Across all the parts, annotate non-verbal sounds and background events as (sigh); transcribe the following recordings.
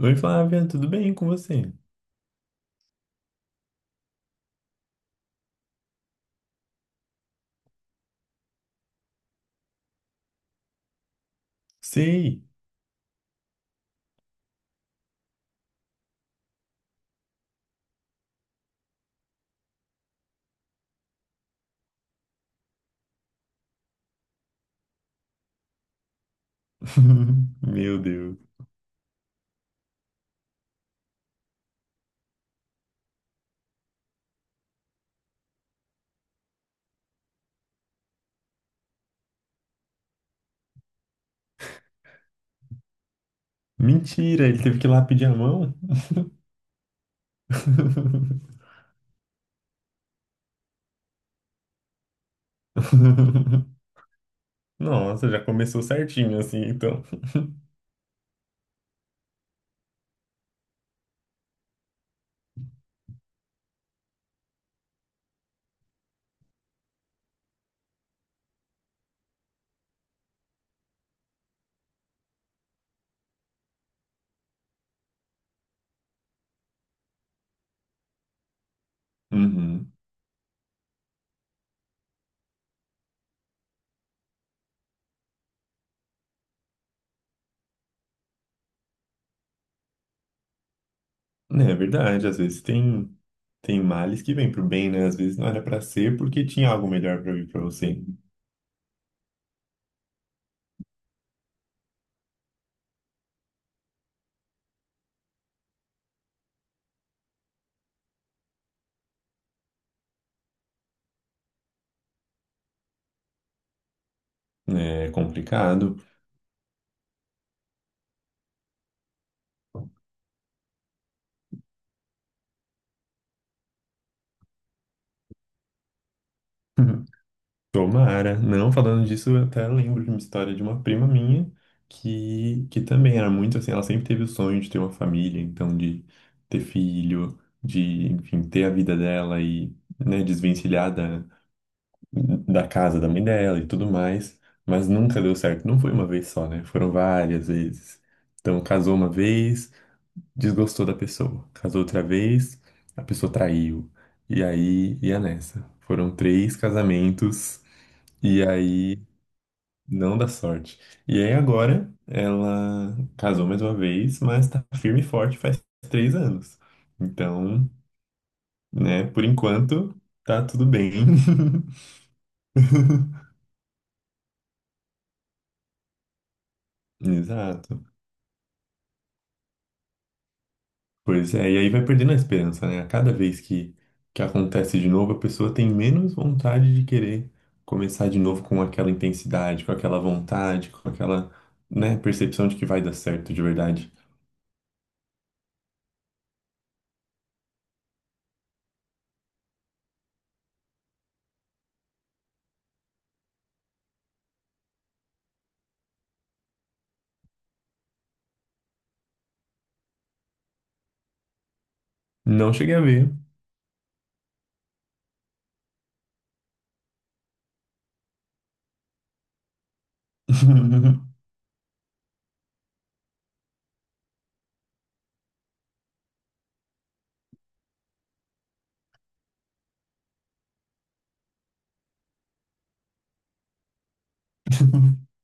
Oi, Flávia, tudo bem com você? Sei. (laughs) Meu Deus. Mentira, ele teve que ir lá pedir a mão? (laughs) Nossa, já começou certinho assim, então. Uhum. É verdade, às vezes tem males que vêm pro bem, né? Às vezes não era pra ser porque tinha algo melhor pra vir pra você. Né? É complicado. (laughs) Tomara. Não, falando disso, eu até lembro de uma história de uma prima minha que também era muito assim, ela sempre teve o sonho de ter uma família, então de ter filho, enfim, ter a vida dela e, né, desvencilhar da casa da mãe dela e tudo mais, mas nunca deu certo. Não foi uma vez só, né? Foram várias vezes. Então, casou uma vez, desgostou da pessoa. Casou outra vez, a pessoa traiu. E aí, ia nessa. Foram três casamentos. E aí não dá sorte. E aí agora ela casou mais uma vez, mas tá firme e forte faz 3 anos. Então, né, por enquanto tá tudo bem. (laughs) Exato. Pois é, e aí vai perdendo a esperança, né? A cada vez que acontece de novo, a pessoa tem menos vontade de querer começar de novo com aquela intensidade, com aquela vontade, com aquela, né, percepção de que vai dar certo de verdade. Não cheguei a ver. (laughs)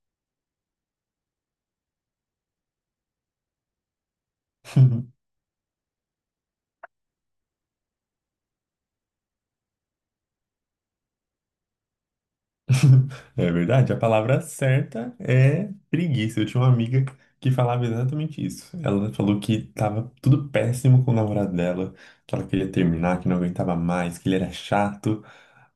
(laughs) É verdade, a palavra certa é preguiça. Eu tinha uma amiga que falava exatamente isso. Ela falou que tava tudo péssimo com o namorado dela, que ela queria terminar, que não aguentava mais, que ele era chato.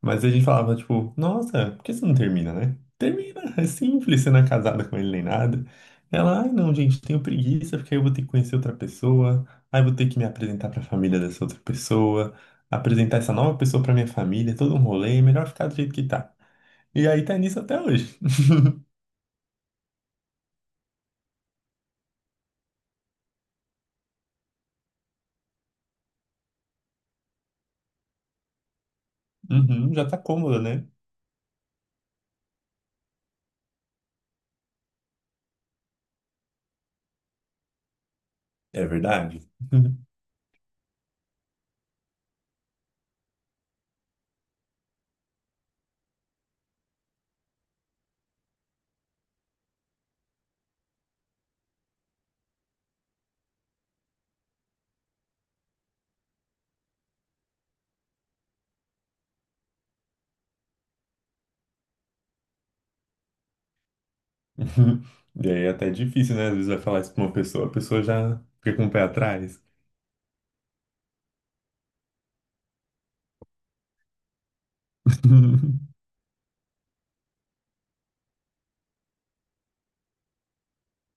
Mas a gente falava, tipo, nossa, por que você não termina, né? Termina, é simples, você não é casada com ele nem nada. Ela, ai não, gente, tenho preguiça, porque aí eu vou ter que conhecer outra pessoa, aí eu vou ter que me apresentar pra família dessa outra pessoa, apresentar essa nova pessoa pra minha família, é todo um rolê, é melhor ficar do jeito que tá. E aí tá nisso até hoje. (laughs) Uhum, já tá cômoda, né? É verdade. (laughs) E aí é até difícil, né? Às vezes vai falar isso pra uma pessoa, a pessoa já fica com o pé atrás. (laughs)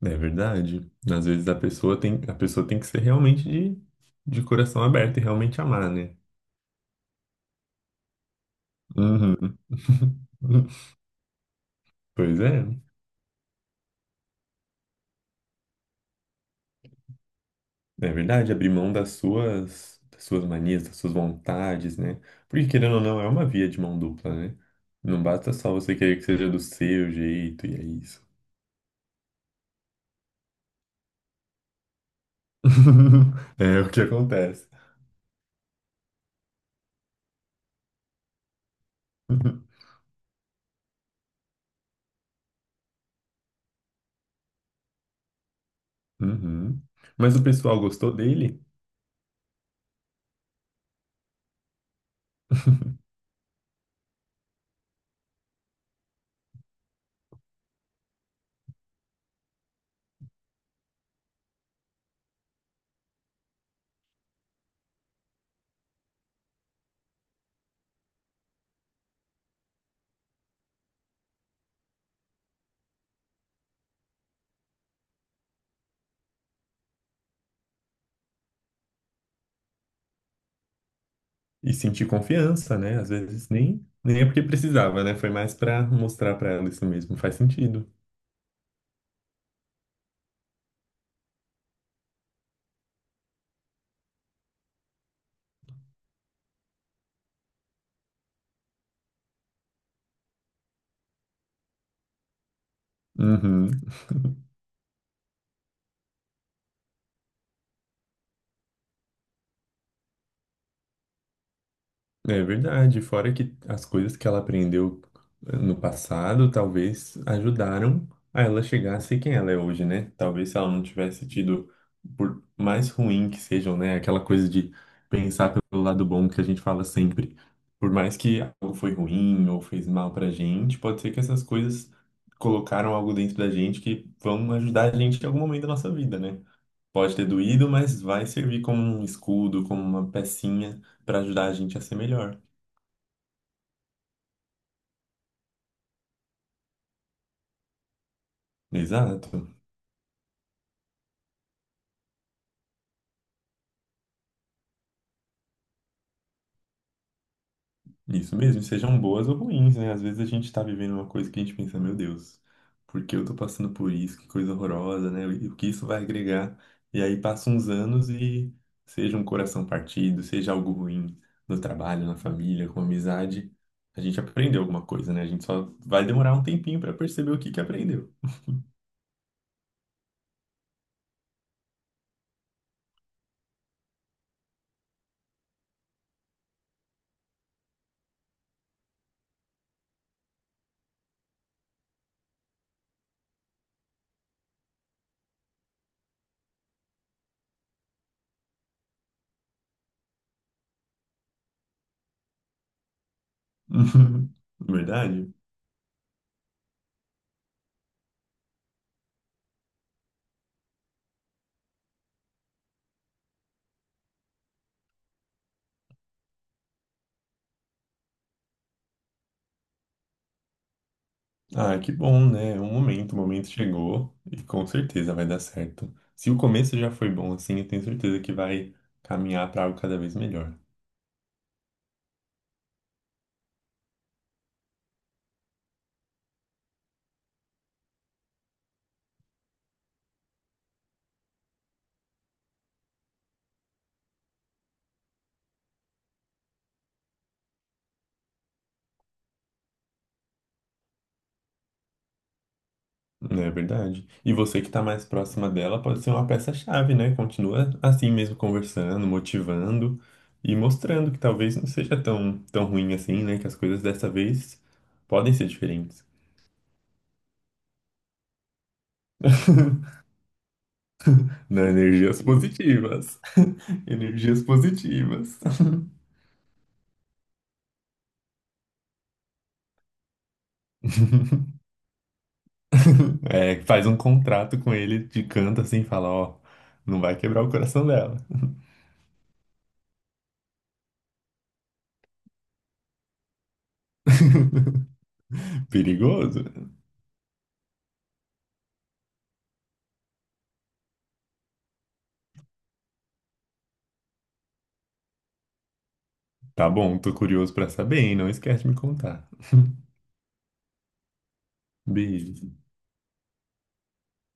É verdade. Às vezes a pessoa tem que ser realmente de, coração aberto e realmente amar, né? Uhum. (laughs) Pois é. É verdade, abrir mão das suas manias, das suas vontades, né? Porque querendo ou não, é uma via de mão dupla, né? Não basta só você querer que seja do seu jeito e é isso. (laughs) É o que acontece. (laughs) Uhum. Mas o pessoal gostou dele? (laughs) E sentir confiança, né? Às vezes nem é porque precisava, né? Foi mais pra mostrar pra ela isso mesmo. Faz sentido. Uhum. É verdade, fora que as coisas que ela aprendeu no passado talvez ajudaram a ela chegar a ser quem ela é hoje, né? Talvez se ela não tivesse tido, por mais ruim que sejam, né? Aquela coisa de pensar pelo lado bom que a gente fala sempre. Por mais que algo foi ruim ou fez mal pra gente, pode ser que essas coisas colocaram algo dentro da gente que vão ajudar a gente em algum momento da nossa vida, né? Pode ter doído, mas vai servir como um escudo, como uma pecinha para ajudar a gente a ser melhor. Exato, isso mesmo, e sejam boas ou ruins, né? Às vezes a gente tá vivendo uma coisa que a gente pensa, meu Deus, por que eu tô passando por isso? Que coisa horrorosa, né? E o que isso vai agregar? E aí passam uns anos e seja um coração partido, seja algo ruim no trabalho, na família, com amizade, a gente aprendeu alguma coisa, né? A gente só vai demorar um tempinho pra perceber o que que aprendeu. (laughs) Verdade? Ah, que bom, né? O momento chegou e com certeza vai dar certo. Se o começo já foi bom assim, eu tenho certeza que vai caminhar para algo cada vez melhor. Não é verdade? E você que está mais próxima dela pode ser uma peça-chave, né? Continua assim mesmo conversando, motivando e mostrando que talvez não seja tão, tão ruim assim, né? Que as coisas dessa vez podem ser diferentes. (laughs) Não, energias positivas. (laughs) Energias positivas. (laughs) (laughs) É, faz um contrato com ele de canto assim, fala, ó, não vai quebrar o coração dela. (laughs) Perigoso. Tá bom, tô curioso pra saber, hein? Não esquece de me contar. Beijo.